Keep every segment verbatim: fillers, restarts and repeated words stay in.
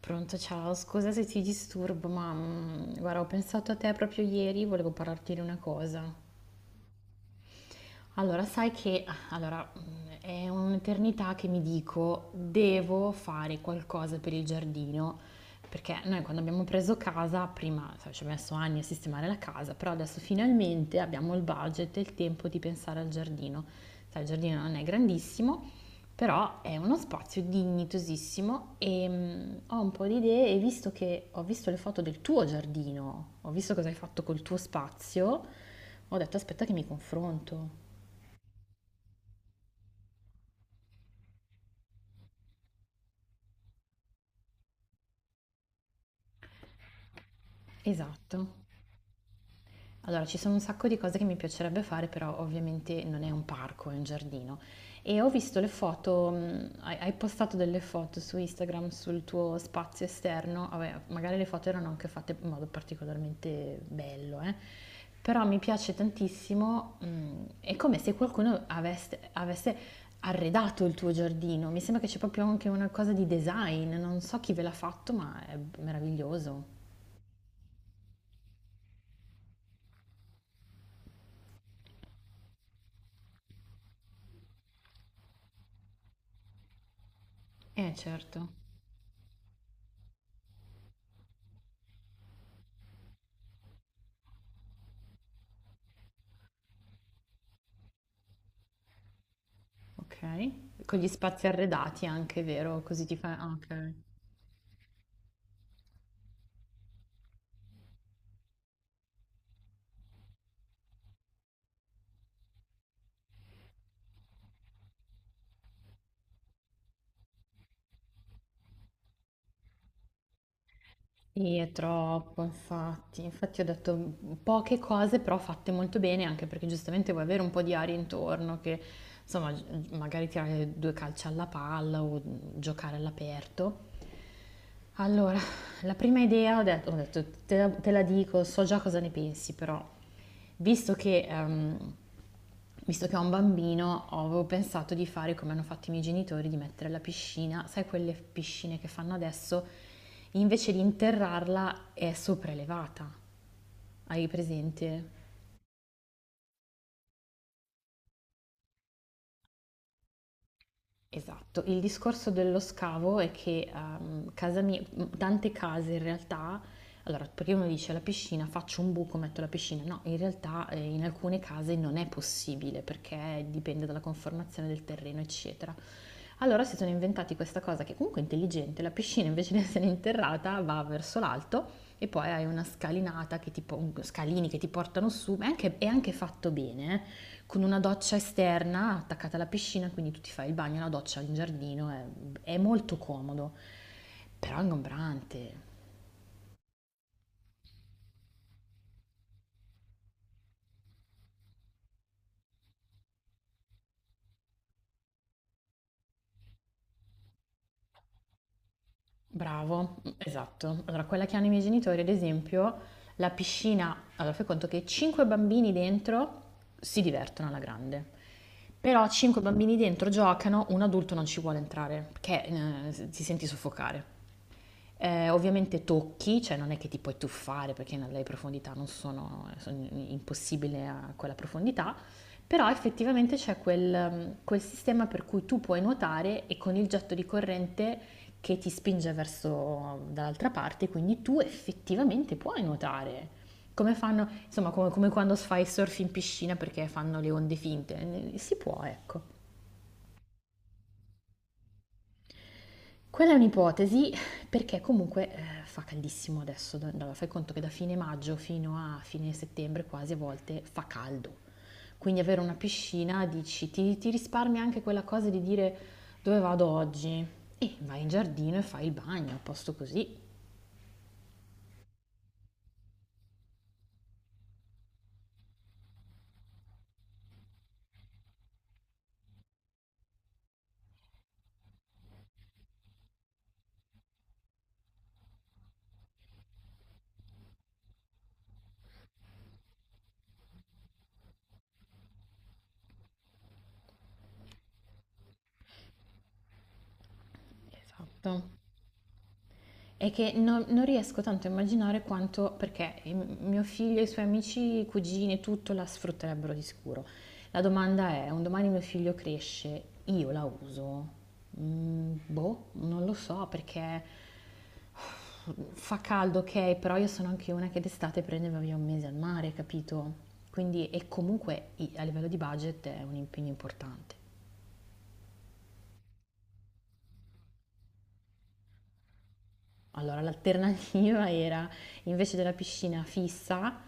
Pronto, ciao, scusa se ti disturbo, ma mm, guarda, ho pensato a te proprio ieri, volevo parlarti di una cosa. Allora, sai che allora, mhmm, è un'eternità che mi dico: "Devo fare qualcosa per il giardino", perché noi quando abbiamo preso casa prima, sai, ci ho messo anni a sistemare la casa, però adesso finalmente abbiamo il budget e il tempo di pensare al giardino. Sai, il giardino non è grandissimo, però è uno spazio dignitosissimo, ehm, ho un po' di idee e visto che ho visto le foto del tuo giardino, ho visto cosa hai fatto col tuo spazio, ho detto: "Aspetta che mi confronto". Esatto. Allora, ci sono un sacco di cose che mi piacerebbe fare, però ovviamente non è un parco, è un giardino. E ho visto le foto, mh, hai, hai postato delle foto su Instagram sul tuo spazio esterno, vabbè, magari le foto erano anche fatte in modo particolarmente bello, eh. Però mi piace tantissimo, mh, è come se qualcuno avesse, avesse arredato il tuo giardino, mi sembra che c'è proprio anche una cosa di design, non so chi ve l'ha fatto, ma è meraviglioso. Eh, certo. Ok. Con gli spazi arredati anche, vero? Così ti fa, ah, ok. Sì, è troppo, infatti. Infatti ho detto poche cose, però fatte molto bene, anche perché giustamente vuoi avere un po' di aria intorno, che insomma, gi- magari tirare due calci alla palla o giocare all'aperto. Allora, la prima idea ho detto, ho detto, te la, te la dico, so già cosa ne pensi, però visto che, ehm, visto che ho un bambino, ho- avevo pensato di fare come hanno fatto i miei genitori, di mettere la piscina, sai quelle piscine che fanno adesso, invece di interrarla è sopraelevata, hai presente? Esatto, il discorso dello scavo è che ehm, casa mia, m- tante case in realtà, allora perché uno dice la piscina, faccio un buco, metto la piscina, no, in realtà eh, in alcune case non è possibile perché dipende dalla conformazione del terreno, eccetera. Allora si sono inventati questa cosa che comunque è intelligente, la piscina invece di essere interrata va verso l'alto e poi hai una scalinata che ti, po- scalini che ti portano su, ma è anche, è anche fatto bene, eh, con una doccia esterna attaccata alla piscina, quindi tu ti fai il bagno, la doccia in giardino, è, è molto comodo, però è ingombrante. Bravo, mh, esatto. Allora, quella che hanno i miei genitori, ad esempio, la piscina, allora fai conto che cinque bambini dentro si divertono alla grande, però cinque bambini dentro giocano, un adulto non ci vuole entrare perché eh, ti senti soffocare. Eh, ovviamente tocchi, cioè non è che ti puoi tuffare perché le profondità non sono, sono impossibile a quella profondità, però effettivamente c'è quel, quel sistema per cui tu puoi nuotare e con il getto di corrente che ti spinge verso dall'altra parte, quindi tu effettivamente puoi nuotare. Come fanno, insomma, come, come quando fai surf in piscina perché fanno le onde finte, si può, ecco. Quella è un'ipotesi perché comunque eh, fa caldissimo adesso, da- da- fai conto che da fine maggio fino a fine settembre quasi a volte fa caldo. Quindi avere una piscina dici, ti, ti risparmia anche quella cosa di dire dove vado oggi e vai in giardino e fai il bagno, a posto così. Esatto. È che non, non riesco tanto a immaginare quanto, perché il- mio figlio e i suoi amici, i cugini, tutto la sfrutterebbero di sicuro. La domanda è, un domani mio figlio cresce, io la uso? Mm, boh, non lo so perché fa caldo, ok, però io sono anche una che d'estate prendeva via un mese al mare, capito? Quindi, e comunque i- a livello di budget è un impegno importante. Allora, l'alternativa era invece della piscina fissa,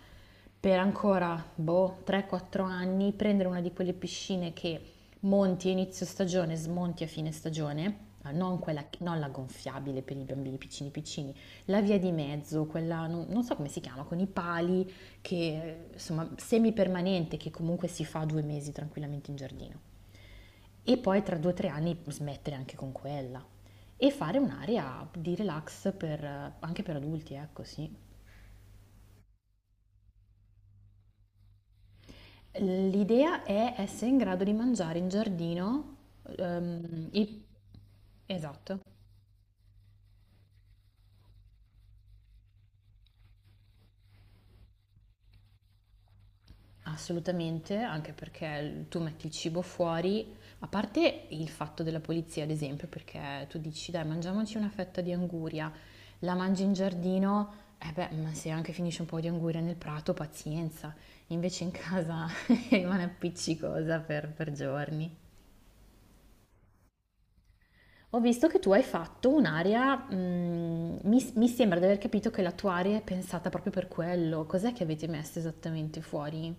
per ancora boh, tre quattro anni, prendere una di quelle piscine che monti a inizio stagione, smonti a fine stagione, ah, non, quella, non la gonfiabile per i bambini piccini piccini, la via di mezzo, quella non, non so come si chiama, con i pali, che eh, insomma semipermanente, che comunque si fa due mesi tranquillamente in giardino e poi tra due o tre anni smettere anche con quella e fare un'area di relax per- anche per adulti, ecco sì. L'idea è essere in grado di mangiare in giardino, ehm, i- esatto. Assolutamente, anche perché tu metti il cibo fuori, a parte il fatto della polizia, ad esempio, perché tu dici, dai, mangiamoci una fetta di anguria, la mangi in giardino, e beh, ma se anche finisce un po' di anguria nel prato, pazienza, invece in casa rimane appiccicosa per, per giorni. Ho visto che tu hai fatto un'area, mm, mi, mi sembra di aver capito che la tua area è pensata proprio per quello, cos'è che avete messo esattamente fuori?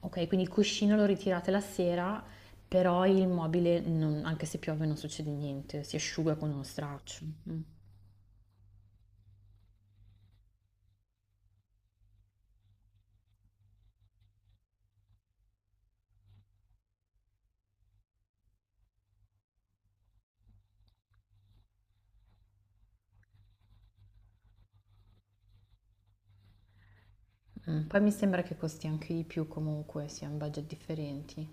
Okay, quindi il cuscino lo ritirate la sera, però il mobile non anche se piove non succede niente, si asciuga con uno straccio. Mh, mh. Poi mi sembra che costi anche di più comunque, sia in budget differenti.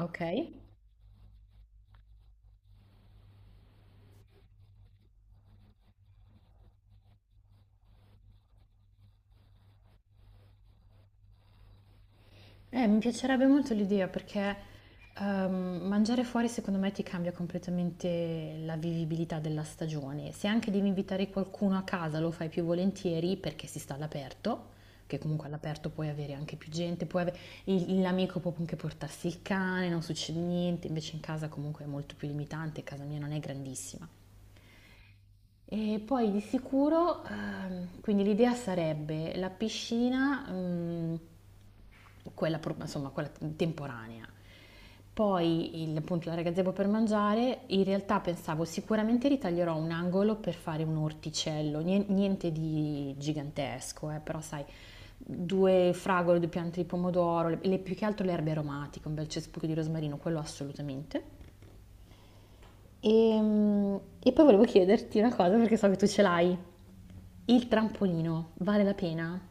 Okay. Eh, mi piacerebbe molto l'idea perché ehm, mangiare fuori secondo me ti cambia completamente la vivibilità della stagione. Se anche devi invitare qualcuno a casa lo fai più volentieri perché si sta all'aperto, che comunque all'aperto puoi avere anche più gente, puoi ave- il- l'amico può anche portarsi il cane, non succede niente, invece in casa comunque è molto più limitante, casa mia non è grandissima. E poi di sicuro, ehm, quindi l'idea sarebbe la piscina, mm, quella, pro- insomma, quella temporanea. Poi il, appunto l'area gazebo per mangiare, in realtà pensavo sicuramente ritaglierò un angolo per fare un orticello, nien- niente di gigantesco, eh, però sai, due fragole, due piante di pomodoro, le, le- più che altro le erbe aromatiche, un bel cespuglio di rosmarino, quello assolutamente. E, mm, e poi volevo chiederti una cosa perché so che tu ce l'hai. Il trampolino vale la pena?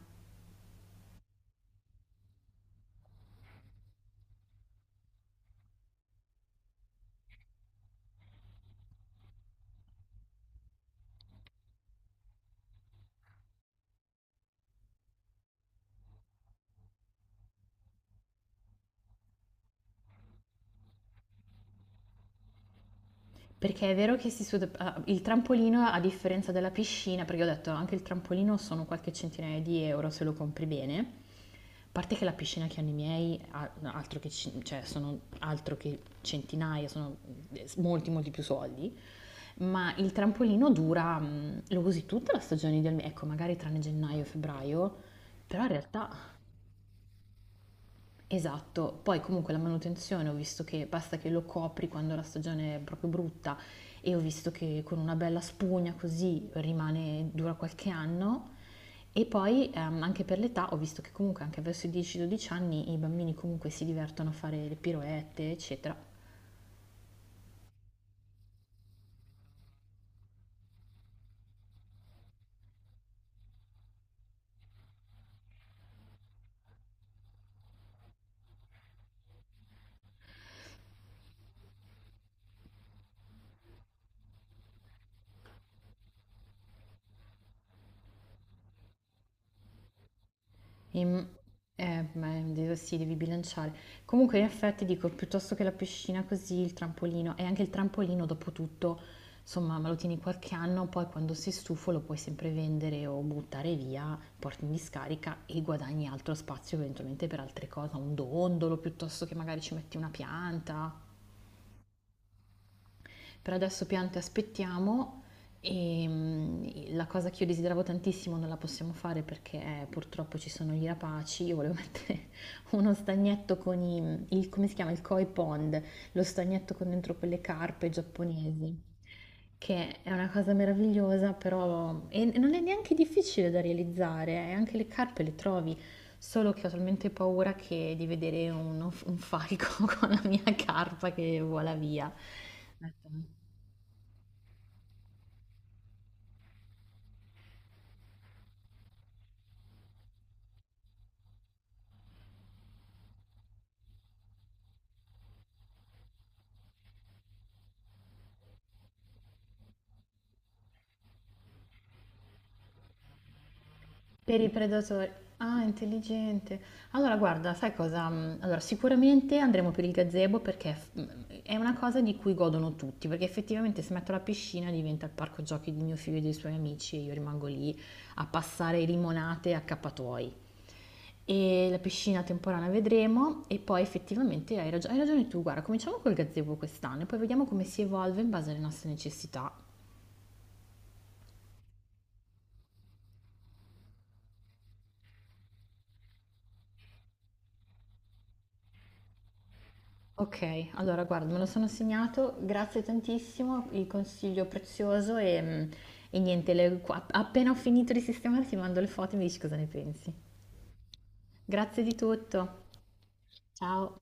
Perché è vero che si suda, ah, il trampolino, a differenza della piscina, perché ho detto anche il trampolino sono qualche centinaia di euro se lo compri bene. A parte che la piscina che hanno i miei, ah, altro che, cin- cioè, sono altro che centinaia, sono eh, molti, molti più soldi. Ma il trampolino dura, mm, lo usi tutta la stagione del mese, ecco, magari tranne gennaio e febbraio, però in realtà, esatto, poi comunque la manutenzione ho visto che basta che lo copri quando la stagione è proprio brutta e ho visto che con una bella spugna così rimane, dura qualche anno e poi ehm, anche per l'età ho visto che comunque anche verso i dieci dodici anni i bambini comunque si divertono a fare le piroette, eccetera. Ehm, eh, beh, de- sì, devi bilanciare. Comunque, in effetti, dico, piuttosto che la piscina così, il trampolino, e anche il trampolino, dopo tutto, insomma, me lo tieni qualche anno, poi quando sei stufo lo puoi sempre vendere o buttare via, porti in discarica e guadagni altro spazio eventualmente per altre cose, un dondolo, piuttosto che magari ci metti una pianta. Per adesso piante aspettiamo e mm, la cosa che io desideravo tantissimo non la possiamo fare perché eh, purtroppo ci sono gli rapaci. Io volevo mettere uno stagnetto con i, il, come si chiama? Il koi pond, lo stagnetto con dentro quelle carpe giapponesi, che è una cosa meravigliosa, però e e non è neanche difficile da realizzare, eh, anche le carpe le trovi, solo che ho talmente paura che di vedere uno- un falco con la mia carpa che vola via. Per i predatori. Ah, intelligente. Allora, guarda, sai cosa? mm, Allora, sicuramente andremo per il gazebo perché f- mm, è una cosa di cui godono tutti, perché effettivamente se metto la piscina diventa il parco giochi di mio figlio e dei suoi amici e io rimango lì a passare limonate a accappatoi. E la piscina temporanea vedremo e poi effettivamente hai ragio- hai ragione tu, guarda, cominciamo col gazebo quest'anno e poi vediamo come si evolve in base alle nostre necessità. Ok, allora guarda, me lo sono segnato, grazie tantissimo, il consiglio prezioso e, mm, e niente, le- qua- appena ho finito di sistemare ti mando le foto e mi dici cosa ne pensi. Grazie di tutto, ciao!